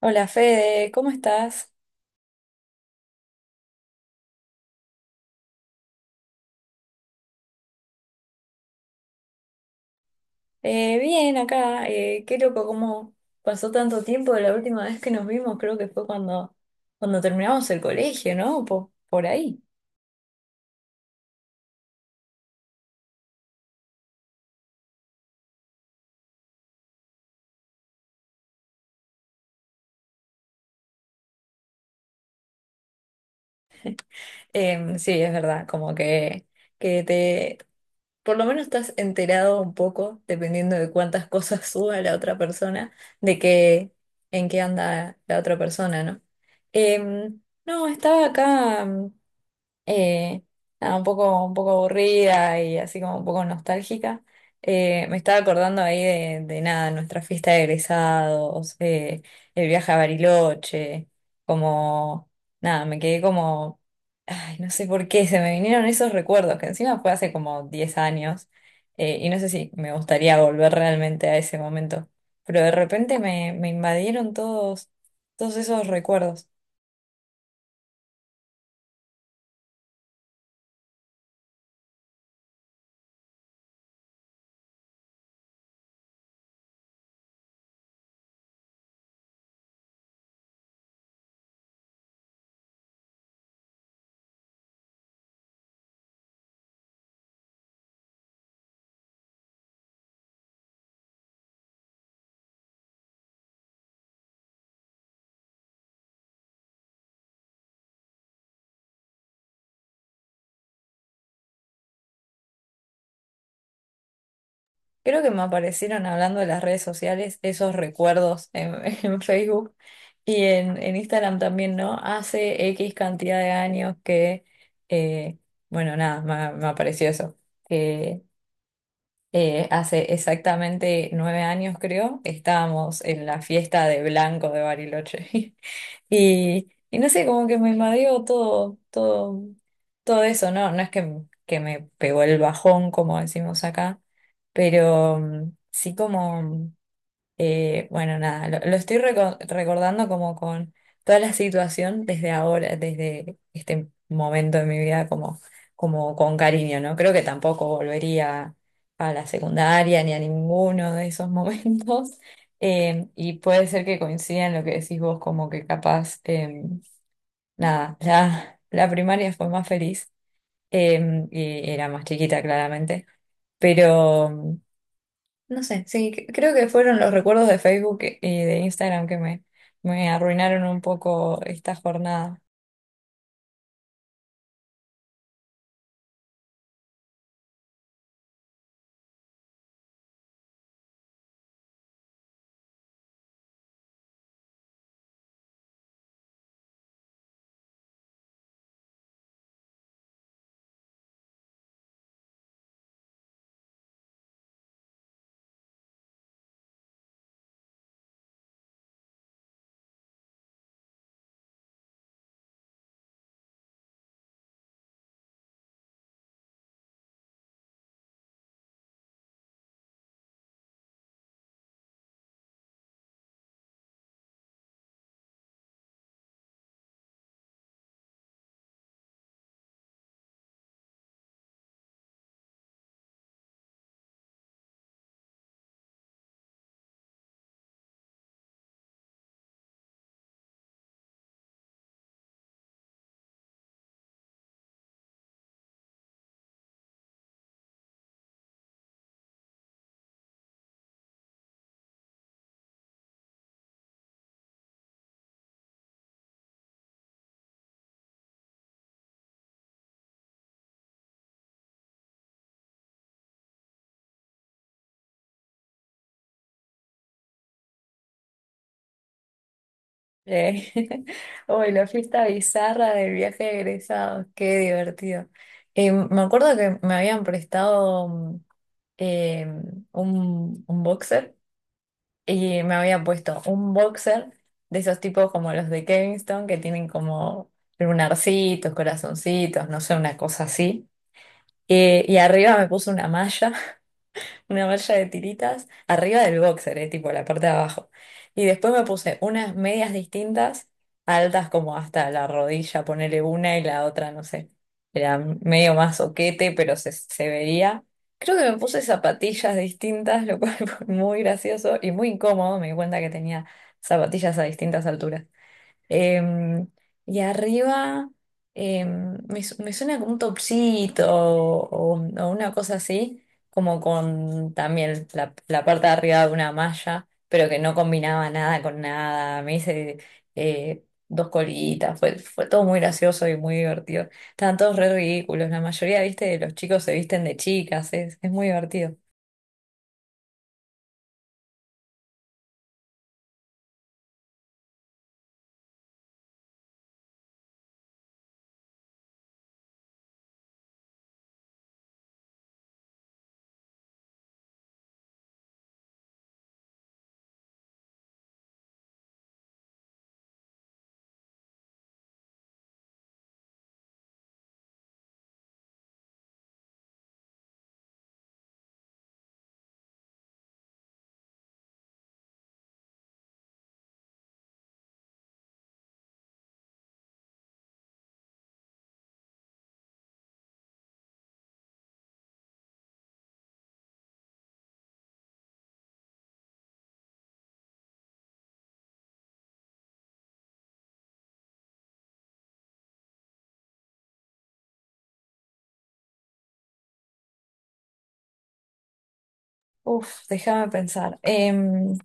Hola Fede, ¿cómo estás? Bien acá, qué loco cómo pasó tanto tiempo de la última vez que nos vimos, creo que fue cuando terminamos el colegio, ¿no? Por ahí. Sí, es verdad, como que te, por lo menos estás enterado un poco, dependiendo de cuántas cosas suba la otra persona, de qué, en qué anda la otra persona, ¿no? Em, no, estaba acá. eh, Nada, un poco aburrida y así como un poco nostálgica. Me estaba acordando ahí de nada, nuestra fiesta de egresados, el viaje a Bariloche, como, nada, me quedé como, ay, no sé por qué, se me vinieron esos recuerdos, que encima fue hace como 10 años, y no sé si me gustaría volver realmente a ese momento, pero de repente me invadieron todos, todos esos recuerdos. Creo que me aparecieron hablando de las redes sociales esos recuerdos en Facebook y en Instagram también, ¿no? Hace X cantidad de años eh, bueno, nada, me apareció eso, que hace exactamente 9 años, creo, estábamos en la fiesta de Blanco de Bariloche. Y no sé, como que me invadió todo, todo, todo eso, ¿no? No es que me pegó el bajón, como decimos acá, pero sí como bueno, nada, lo estoy recordando como con toda la situación desde ahora, desde este momento de mi vida, como, como con cariño, ¿no? Creo que tampoco volvería a la secundaria ni a ninguno de esos momentos. Y puede ser que coincida en lo que decís vos, como que capaz, nada, la primaria fue más feliz y era más chiquita, claramente, pero. No sé, sí, creo que fueron los recuerdos de Facebook y de Instagram que me arruinaron un poco esta jornada. Eh, Uy, la fiesta bizarra del viaje de egresados, qué divertido. Me acuerdo que me habían prestado eh, un boxer y me había puesto un boxer de esos tipos como los de Kingston que tienen como lunarcitos, corazoncitos, no sé, una cosa así. Y arriba me puse una malla de tiritas arriba del boxer, tipo la parte de abajo. Y después me puse unas medias distintas, altas como hasta la rodilla, ponerle una y la otra, no sé. Era medio más oquete, pero se veía. Creo que me puse zapatillas distintas, lo cual fue muy gracioso y muy incómodo. Me di cuenta que tenía zapatillas a distintas alturas. Em, y arriba me suena como un topsito o una cosa así, como con también la parte de arriba de una malla, pero que no combinaba nada con nada. Me hice dos colitas, fue todo muy gracioso y muy divertido. Estaban todos re ridículos, la mayoría, viste, de los chicos se visten de chicas, es muy divertido. Uf, déjame pensar.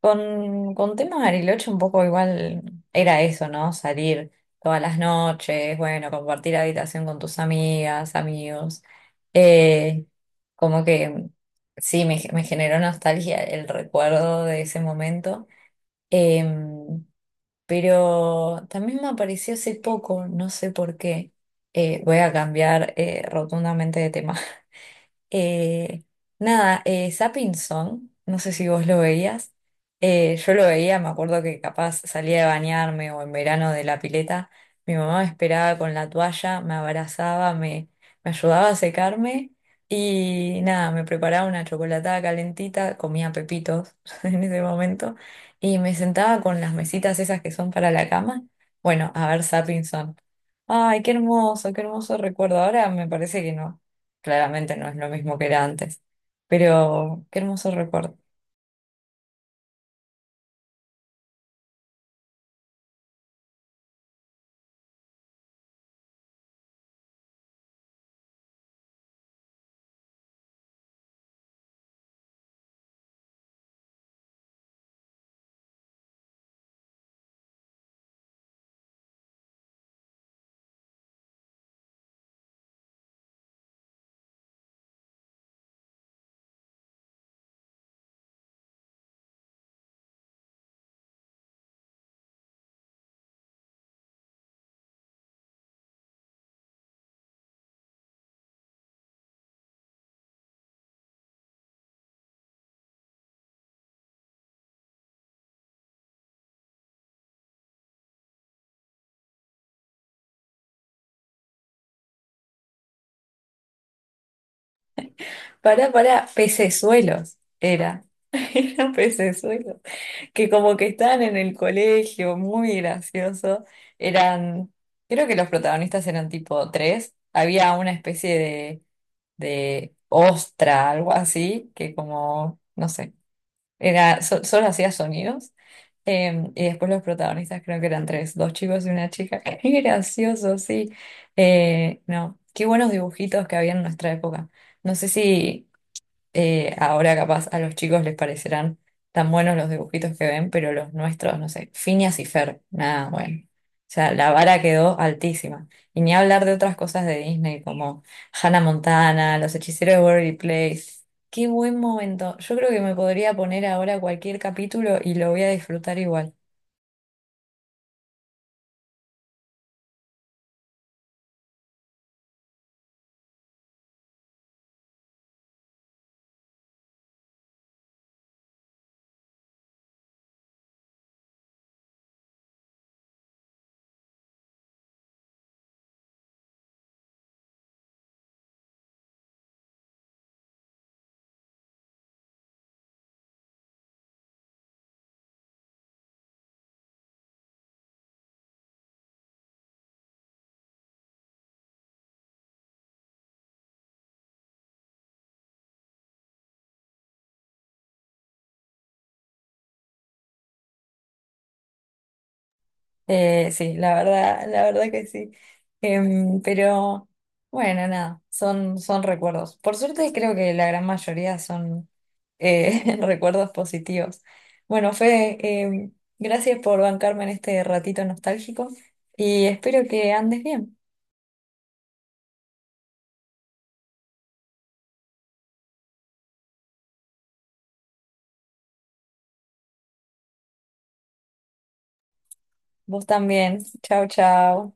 Con temas de Bariloche un poco igual era eso, ¿no? Salir todas las noches, bueno, compartir habitación con tus amigas, amigos. Eh, Como que sí, me generó nostalgia el recuerdo de ese momento. Em, pero también me apareció hace poco, no sé por qué. Voy a cambiar rotundamente de tema. Eh, Nada, Zapping Song, no sé si vos lo veías. Yo lo veía, me acuerdo que capaz salía de bañarme o en verano de la pileta. Mi mamá me esperaba con la toalla, me abrazaba, me ayudaba a secarme y nada, me preparaba una chocolatada calentita, comía pepitos en ese momento y me sentaba con las mesitas esas que son para la cama. Bueno, a ver Zapping Song. Ay, qué hermoso recuerdo. Ahora me parece que no. Claramente no es lo mismo que era antes. Pero qué hermoso recuerdo. Pará, pará, pecesuelos era. Eran pecesuelos. Que como que estaban en el colegio, muy gracioso. Eran, creo que los protagonistas eran tipo tres. Había una especie de ostra, algo así, que como, no sé. Era, solo hacía sonidos. Y después los protagonistas creo que eran tres, dos chicos y una chica. Qué gracioso, sí. No, qué buenos dibujitos que había en nuestra época. No sé si ahora capaz a los chicos les parecerán tan buenos los dibujitos que ven, pero los nuestros, no sé, Phineas y Fer, nada, bueno. O sea, la vara quedó altísima. Y ni hablar de otras cosas de Disney como Hannah Montana, Los Hechiceros de Waverly Place. Qué buen momento. Yo creo que me podría poner ahora cualquier capítulo y lo voy a disfrutar igual. Sí, la verdad que sí. Pero bueno, nada, son recuerdos. Por suerte creo que la gran mayoría son recuerdos positivos. Bueno, Fede, em, gracias por bancarme en este ratito nostálgico y espero que andes bien. Vos también. Chao, chao.